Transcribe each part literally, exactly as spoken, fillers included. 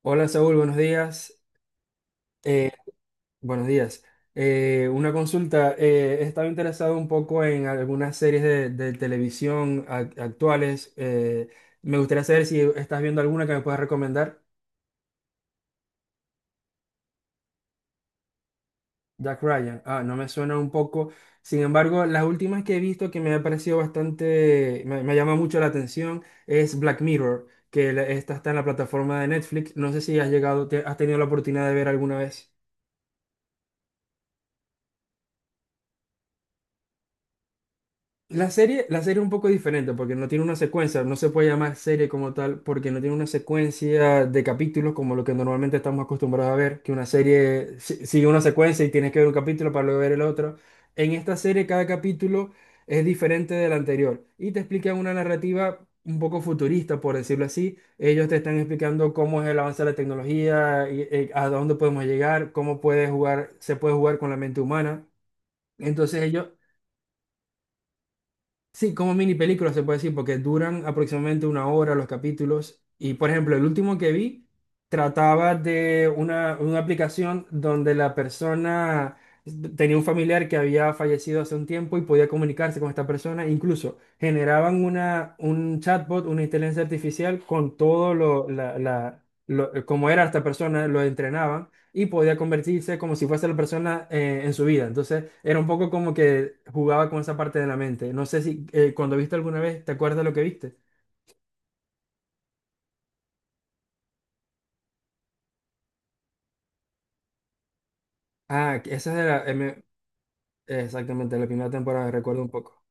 Hola Saúl, buenos días. Eh, buenos días. Eh, una consulta. Eh, he estado interesado un poco en algunas series de, de televisión ac- actuales. Eh, me gustaría saber si estás viendo alguna que me puedas recomendar. Jack Ryan. Ah, no me suena un poco. Sin embargo, las últimas que he visto que me ha parecido bastante, me, me llama mucho la atención es Black Mirror, que la- esta está en la plataforma de Netflix. No sé si has llegado, te- has tenido la oportunidad de ver alguna vez. La serie, la serie es un poco diferente porque no tiene una secuencia, no se puede llamar serie como tal porque no tiene una secuencia de capítulos como lo que normalmente estamos acostumbrados a ver, que una serie si- sigue una secuencia y tienes que ver un capítulo para luego ver el otro. En esta serie cada capítulo es diferente del anterior y te explican una narrativa un poco futurista, por decirlo así. Ellos te están explicando cómo es el avance de la tecnología, y, eh, a dónde podemos llegar, cómo puede jugar, se puede jugar con la mente humana. Entonces ellos. Sí, como mini películas se puede decir, porque duran aproximadamente una hora los capítulos. Y por ejemplo, el último que vi trataba de una, una aplicación donde la persona tenía un familiar que había fallecido hace un tiempo y podía comunicarse con esta persona. Incluso generaban una, un chatbot, una inteligencia artificial con todo lo, la, la- lo- como era esta persona, lo entrenaban y podía convertirse como si fuese la persona eh, en su vida. Entonces era un poco como que jugaba con esa parte de la mente. No sé si eh, cuando viste alguna vez, ¿te acuerdas de lo que viste? Ah, que esa era eh, me- exactamente la primera temporada, recuerdo un poco.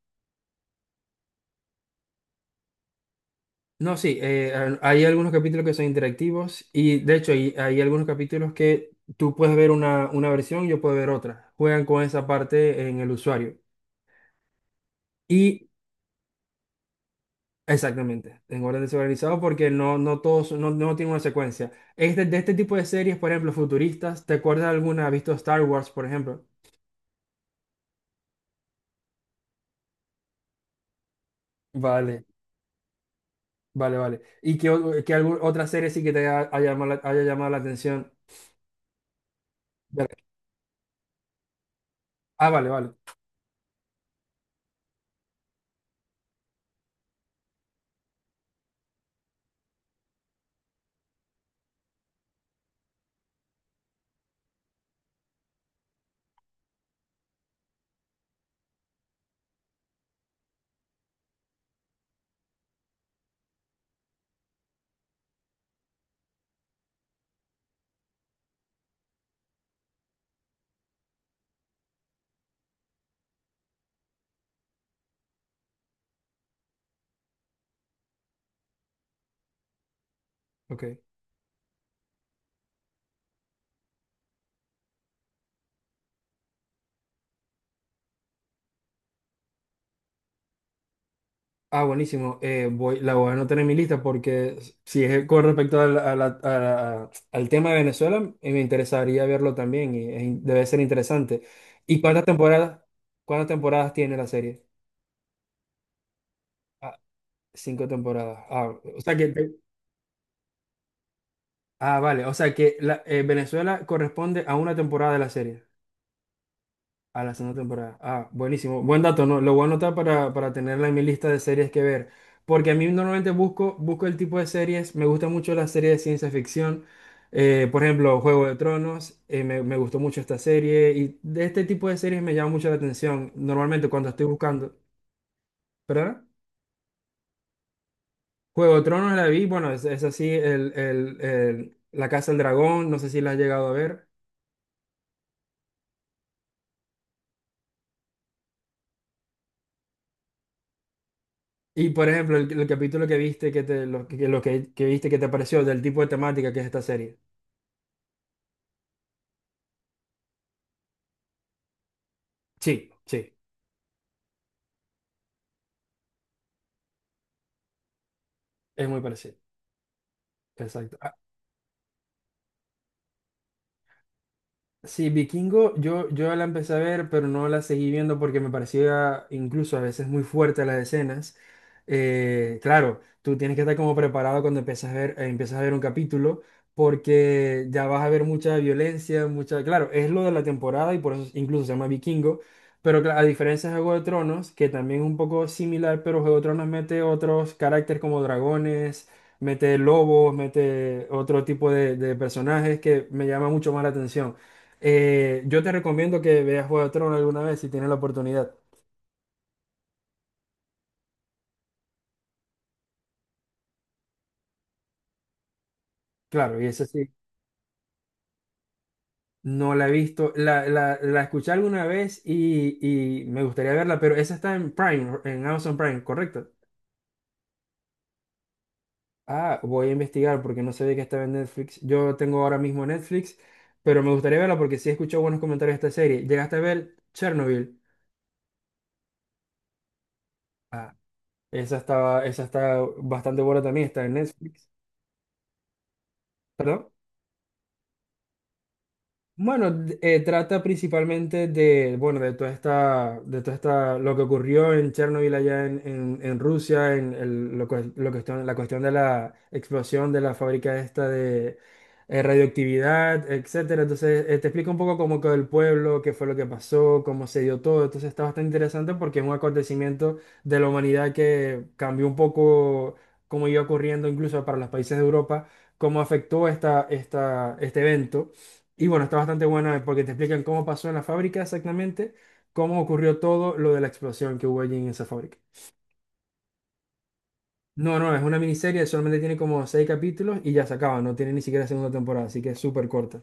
No, sí, eh, al- hay algunos capítulos que son interactivos y de hecho hay, hay algunos capítulos que tú puedes ver una, una versión, yo puedo ver otra. Juegan con esa parte en el usuario. Y exactamente, en orden desorganizado porque no, no todos, no, no tiene una secuencia. Este, de este tipo de series, por ejemplo, futuristas, ¿te acuerdas de alguna? ¿Has visto Star Wars, por ejemplo? Vale, vale, vale. ¿Y qué, o- qué algu- otra serie sí que te haya, haya llamado, la haya llamado la atención? Vale. Ah, vale, vale, ok. Ah, buenísimo. Eh, voy, la voy a anotar en mi lista porque si es con respecto a la- a la- a la- al tema de Venezuela, eh, me interesaría verlo también y es in- debe ser interesante. ¿Y cuántas temporadas, ¿cuántas temporadas tiene la serie? Ah, cinco temporadas. Ah, o sea que te- ah, vale. O sea que la- eh, Venezuela corresponde a una temporada de la serie. A la segunda temporada. Ah, buenísimo. Buen dato, ¿no? Lo voy a anotar para, para tenerla en mi lista de series que ver. Porque a mí normalmente busco, busco el tipo de series. Me gusta mucho las series de ciencia ficción. Eh, por ejemplo, Juego de Tronos. eh, me, me gustó mucho esta serie. Y de este tipo de series me llama mucho la atención. Normalmente cuando estoy buscando. ¿Perdona? Juego de Tronos la vi, bueno, es, es así, el, el- el- La Casa del Dragón, no sé si la has llegado a ver. Y por ejemplo, el, el capítulo que viste, que te, lo, que, lo que, que viste que te pareció del tipo de temática que es esta serie. Sí, sí, es muy parecido. Exacto. Sí, Vikingo, yo, yo la empecé a ver, pero no la seguí viendo porque me parecía incluso a veces muy fuerte las escenas. Eh, claro, tú tienes que estar como preparado cuando empiezas a ver, eh, empiezas a ver un capítulo, porque ya vas a ver mucha violencia, mucha... Claro, es lo de la temporada y por eso incluso se llama Vikingo, pero cla- a diferencia de Juego de Tronos, que también es un poco similar, pero Juego de Tronos mete otros caracteres como dragones, mete lobos, mete otro tipo de de personajes que me llama mucho más la atención. Eh, yo te recomiendo que veas Juego de Tronos alguna vez si tienes la oportunidad. Claro, y esa sí, no la he visto, la, la, la escuché alguna vez y, y me gustaría verla, pero esa está en Prime, en Amazon Prime, ¿correcto? Ah, voy a investigar porque no sabía que estaba en Netflix. Yo tengo ahora mismo Netflix, pero me gustaría verla porque sí he escuchado buenos comentarios de esta serie. ¿Llegaste a ver Chernobyl? Ah, esa estaba, esa está bastante buena también, está en Netflix. ¿Perdón? Bueno, eh, trata principalmente de, bueno, de toda esta, de toda esta, lo que ocurrió en Chernobyl allá en, en- en Rusia, en el- lo, que- lo cuestión, la cuestión de la explosión de la fábrica esta de eh, radioactividad, etcétera. Entonces, eh, te explica un poco cómo quedó el pueblo, qué fue lo que pasó, cómo se dio todo. Entonces, está bastante interesante porque es un acontecimiento de la humanidad que cambió un poco cómo iba ocurriendo incluso para los países de Europa, cómo afectó esta, esta, este evento y bueno, está bastante buena porque te explican cómo pasó en la fábrica exactamente, cómo ocurrió todo lo de la explosión que hubo allí en esa fábrica. No, no, es una miniserie, solamente tiene como seis capítulos y ya se acaba, no tiene ni siquiera segunda temporada, así que es súper corta.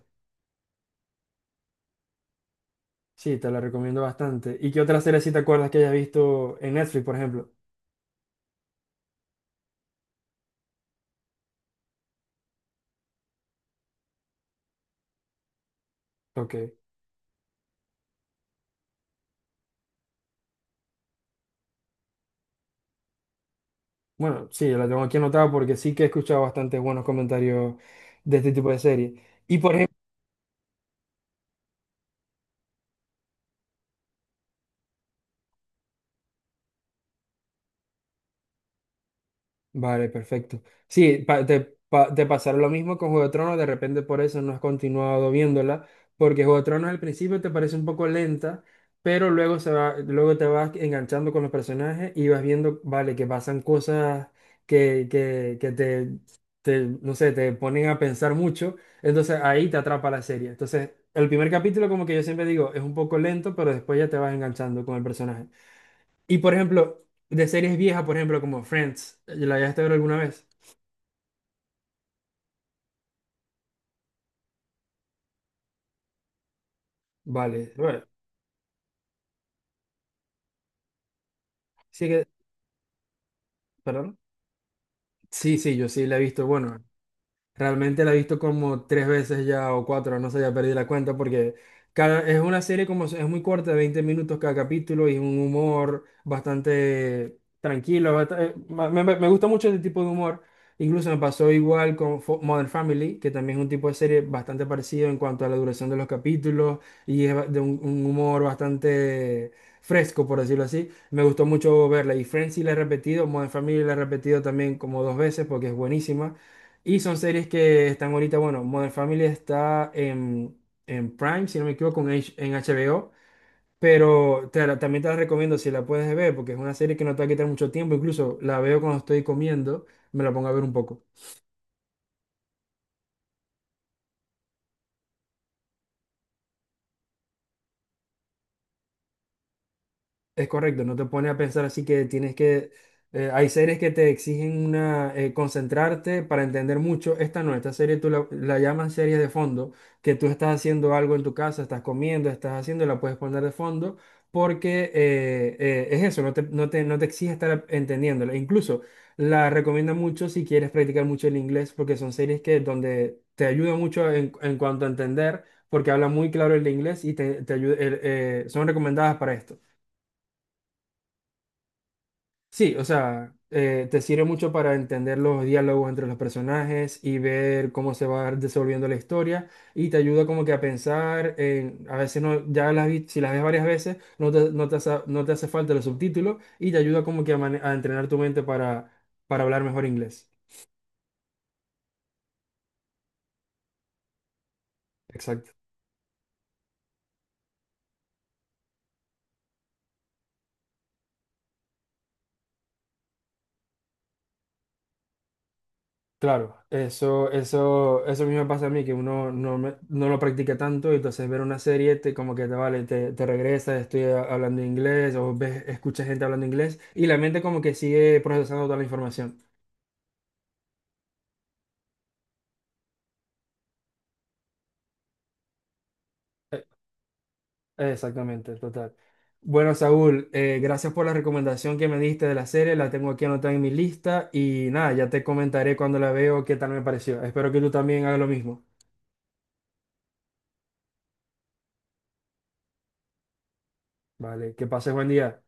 Sí, te la recomiendo bastante. ¿Y qué otra serie si te acuerdas que hayas visto en Netflix, por ejemplo? Ok. Bueno, sí, la tengo aquí anotada porque sí que he escuchado bastantes buenos comentarios de este tipo de serie. Y por. Vale, perfecto. Sí, pa- te, pa- te pasará lo mismo con Juego de Tronos, de repente por eso no has continuado viéndola, porque Juego de Tronos al principio te parece un poco lenta, pero luego, se va, luego te vas enganchando con los personajes y vas viendo, vale, que pasan cosas que, que, que te, te, no sé, te ponen a pensar mucho, entonces ahí te atrapa la serie. Entonces, el primer capítulo, como que yo siempre digo, es un poco lento, pero después ya te vas enganchando con el personaje. Y por ejemplo, de series viejas, por ejemplo, como Friends, ¿la llegaste a ver alguna vez? Vale, bueno, sí que, perdón. Sí, sí, yo sí la he visto, bueno, realmente la he visto como tres veces ya o cuatro, no sé, ya perdí la cuenta porque cada, es una serie como es muy corta, veinte minutos cada capítulo y un humor bastante tranquilo. Bast- eh, ma- me, me- me gusta mucho este tipo de humor. Incluso me pasó igual con Fo- Modern Family, que también es un tipo de serie bastante parecido en cuanto a la duración de los capítulos y es ba- de un, un humor bastante fresco, por decirlo así. Me gustó mucho verla y Friends sí la he repetido, Modern Family la he repetido también como dos veces porque es buenísima. Y son series que están ahorita, bueno, Modern Family está en, en Prime, si no me equivoco, en, H- en H B O, pero te la- también te la recomiendo si la puedes ver, porque es una serie que no te va a quitar mucho tiempo, incluso la veo cuando estoy comiendo, me la pongo a ver un poco. Es correcto, no te pone a pensar así que tienes que... eh, Hay series que te exigen una, eh, concentrarte para entender mucho. Esta no, esta serie tú la, la llamas serie de fondo, que tú estás haciendo algo en tu casa, estás comiendo, estás haciendo, la puedes poner de fondo, porque eh, eh, es eso, no te, no te, no te exige estar entendiéndola. Incluso la recomiendo mucho si quieres practicar mucho el inglés, porque son series que donde te ayuda mucho en, en cuanto a entender, porque habla muy claro el inglés y te, te ayu- el- eh, son recomendadas para esto. Sí, o sea, eh, te sirve mucho para entender los diálogos entre los personajes y ver cómo se va desenvolviendo la historia y te ayuda como que a pensar en, a veces no, ya las, vi- si las ves varias veces, no te, no te hace, no te hace falta los subtítulos y te ayuda como que a, mane- a entrenar tu mente para, para hablar mejor inglés. Exacto. Claro, eso, eso, eso mismo me pasa a mí, que uno no, me- no lo practica tanto, y entonces ver una serie te, como que te vale, te, te regresa, estoy a- hablando inglés, o ves, escuchas gente hablando inglés, y la mente como que sigue procesando toda la información. Eh, Exactamente, total. Bueno, Saúl, eh, gracias por la recomendación que me diste de la serie, la tengo aquí anotada en mi lista, y nada, ya te comentaré cuando la veo qué tal me pareció. Espero que tú también hagas lo mismo. Vale, que pases buen día.